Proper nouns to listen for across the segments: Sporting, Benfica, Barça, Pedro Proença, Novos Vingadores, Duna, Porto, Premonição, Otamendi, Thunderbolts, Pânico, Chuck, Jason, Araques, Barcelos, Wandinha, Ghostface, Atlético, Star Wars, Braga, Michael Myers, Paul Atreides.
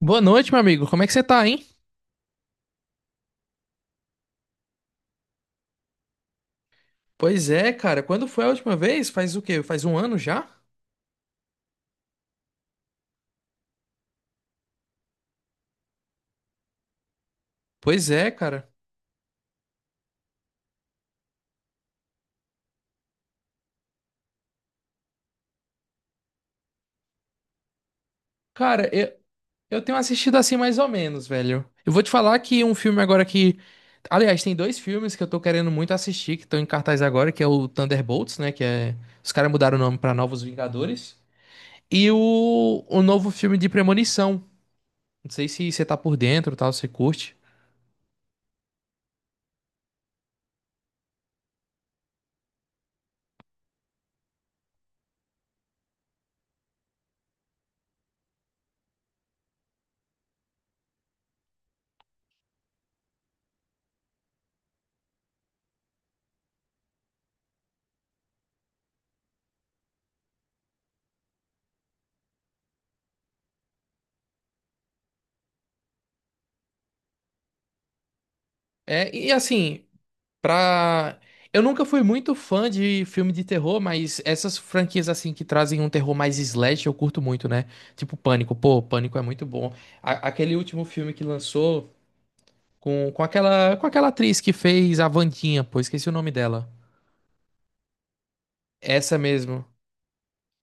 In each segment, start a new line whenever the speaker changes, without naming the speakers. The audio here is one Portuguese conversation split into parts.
Boa noite, meu amigo. Como é que você tá, hein? Pois é, cara. Quando foi a última vez? Faz o quê? Faz um ano já? Pois é, cara. Cara, eu tenho assistido assim mais ou menos, velho. Eu vou te falar que um filme agora que. Aliás, tem dois filmes que eu tô querendo muito assistir, que estão em cartaz agora, que é o Thunderbolts, né? Que é. Os caras mudaram o nome pra Novos Vingadores. E o novo filme de Premonição. Não sei se você tá por dentro, tal, se você curte. É, e assim, Pra... eu nunca fui muito fã de filme de terror, mas essas franquias assim que trazem um terror mais slash eu curto muito, né? Tipo Pânico, pô, Pânico é muito bom. Aquele último filme que lançou com aquela atriz que fez a Wandinha, pô, esqueci o nome dela. Essa mesmo.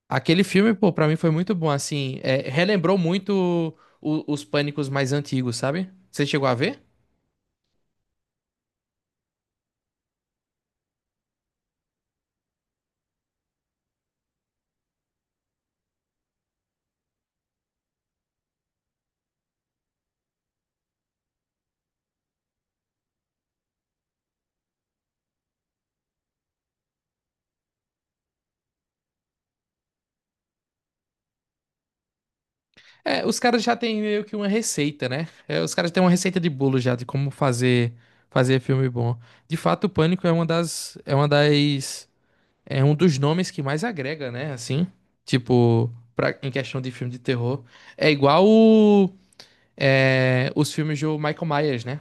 Aquele filme, pô, pra mim foi muito bom, assim, é, relembrou muito os Pânicos mais antigos, sabe? Você chegou a ver? É, os caras já têm meio que uma receita, né? É, os caras têm uma receita de bolo já de como fazer filme bom. De fato, o Pânico é uma das é uma das é um dos nomes que mais agrega, né? Assim, tipo, pra, em questão de filme de terror, é igual os filmes do Michael Myers, né?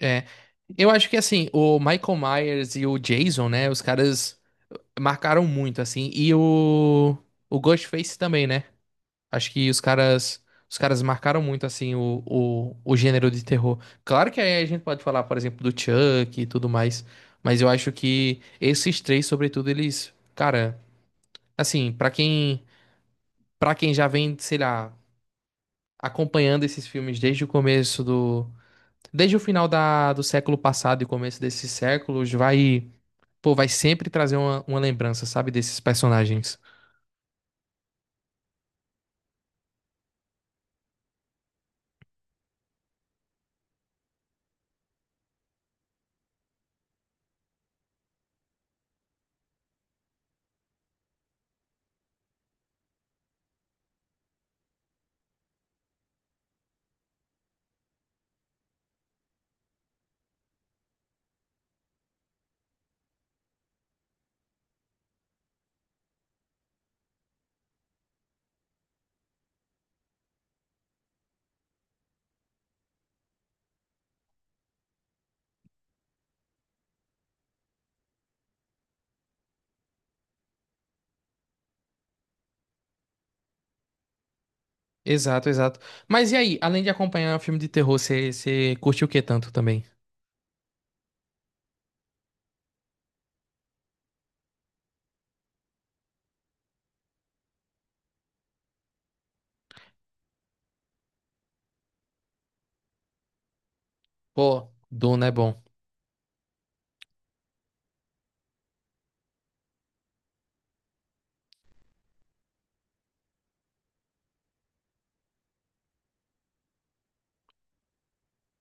É, eu acho que assim, o Michael Myers e o Jason, né? Os caras marcaram muito assim, e o Ghostface também, né? Acho que os caras marcaram muito assim o gênero de terror. Claro que aí a gente pode falar, por exemplo, do Chuck e tudo mais, mas eu acho que esses três, sobretudo, eles, cara, assim, para quem já vem, sei lá, acompanhando esses filmes desde o final do século passado e começo desses séculos, vai, pô, vai sempre trazer uma lembrança, sabe, desses personagens. Exato, exato. Mas e aí, além de acompanhar o filme de terror, você curte o que tanto também? Pô, Duna é bom.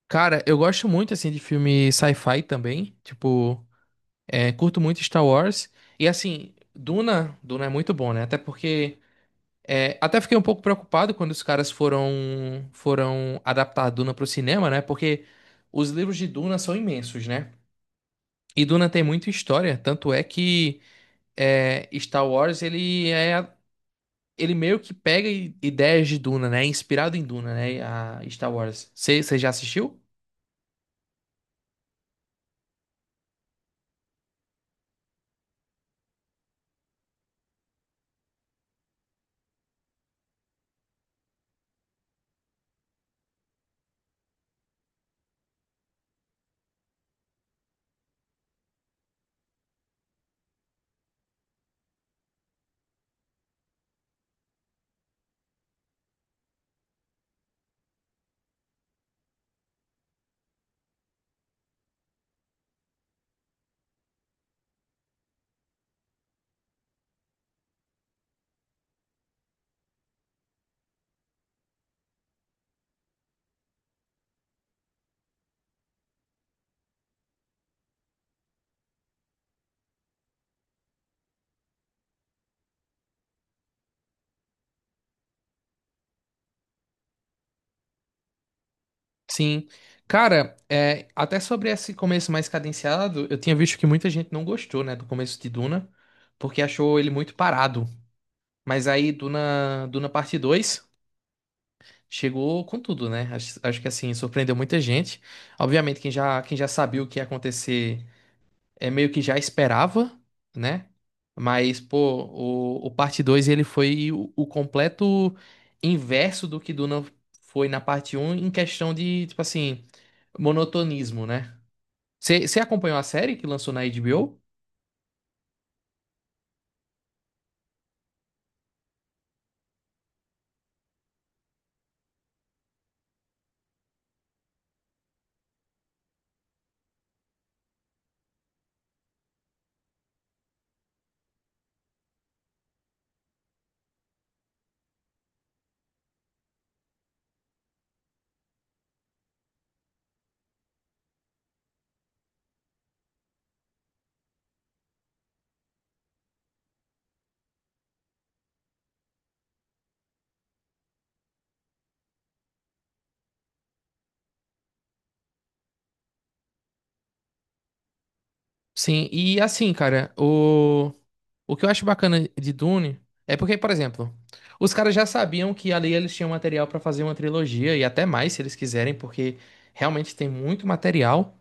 Cara, eu gosto muito, assim, de filme sci-fi também. Tipo, é, curto muito Star Wars. E, assim, Duna é muito bom, né? É, até fiquei um pouco preocupado quando os caras foram adaptar Duna pro cinema, né? Porque os livros de Duna são imensos, né? E Duna tem muita história. Tanto é que Star Wars, ele meio que pega ideias de Duna, né? É inspirado em Duna, né? A Star Wars. Você já assistiu? Sim. Cara, é, até sobre esse começo mais cadenciado, eu tinha visto que muita gente não gostou, né, do começo de Duna, porque achou ele muito parado. Mas aí Duna Parte 2 chegou com tudo, né? Acho que assim, surpreendeu muita gente. Obviamente, quem já sabia o que ia acontecer é meio que já esperava, né? Mas, pô, o parte 2 ele foi o completo inverso do que Duna foi na parte 1 em questão de, tipo assim, monotonismo, né? Você acompanhou a série que lançou na HBO? Sim, e assim, cara, o que eu acho bacana de Dune é porque, por exemplo, os caras já sabiam que ali eles tinham material pra fazer uma trilogia e até mais se eles quiserem, porque realmente tem muito material.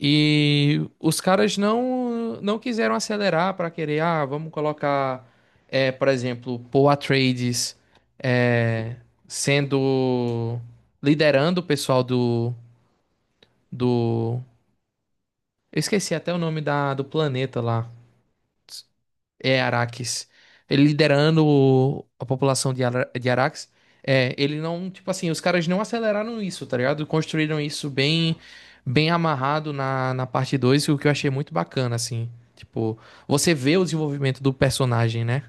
E os caras não quiseram acelerar para querer, ah, vamos colocar, é, por exemplo, Paul Atreides é, sendo liderando o pessoal do eu esqueci até o nome da do planeta lá. É Araques. Ele liderando a população de Araques. É, ele não, tipo assim, os caras não aceleraram isso, tá ligado? Construíram isso bem amarrado na parte 2, o que eu achei muito bacana, assim. Tipo, você vê o desenvolvimento do personagem, né?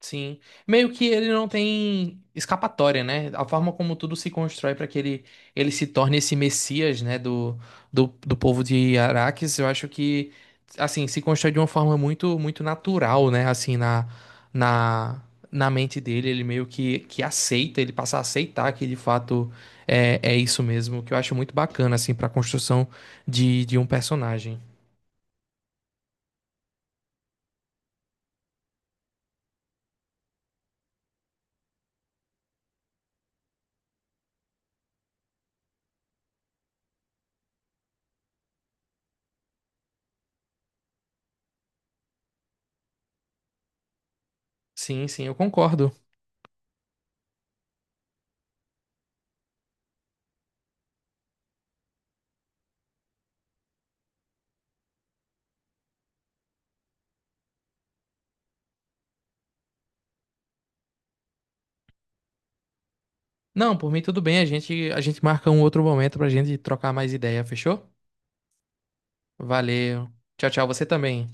Sim. Meio que ele não tem escapatória, né? A forma como tudo se constrói para que ele se torne esse messias, né, do povo de Araques, eu acho que, assim, se constrói de uma forma muito, muito natural, né? Assim, na, na mente dele, ele meio que aceita, ele passa a aceitar que de fato é isso mesmo, que eu acho muito bacana, assim, para a construção de um personagem. Sim, sim, eu concordo. Não, por mim tudo bem. A gente marca um outro momento pra gente trocar mais ideia, fechou? Valeu. Tchau, tchau. Você também.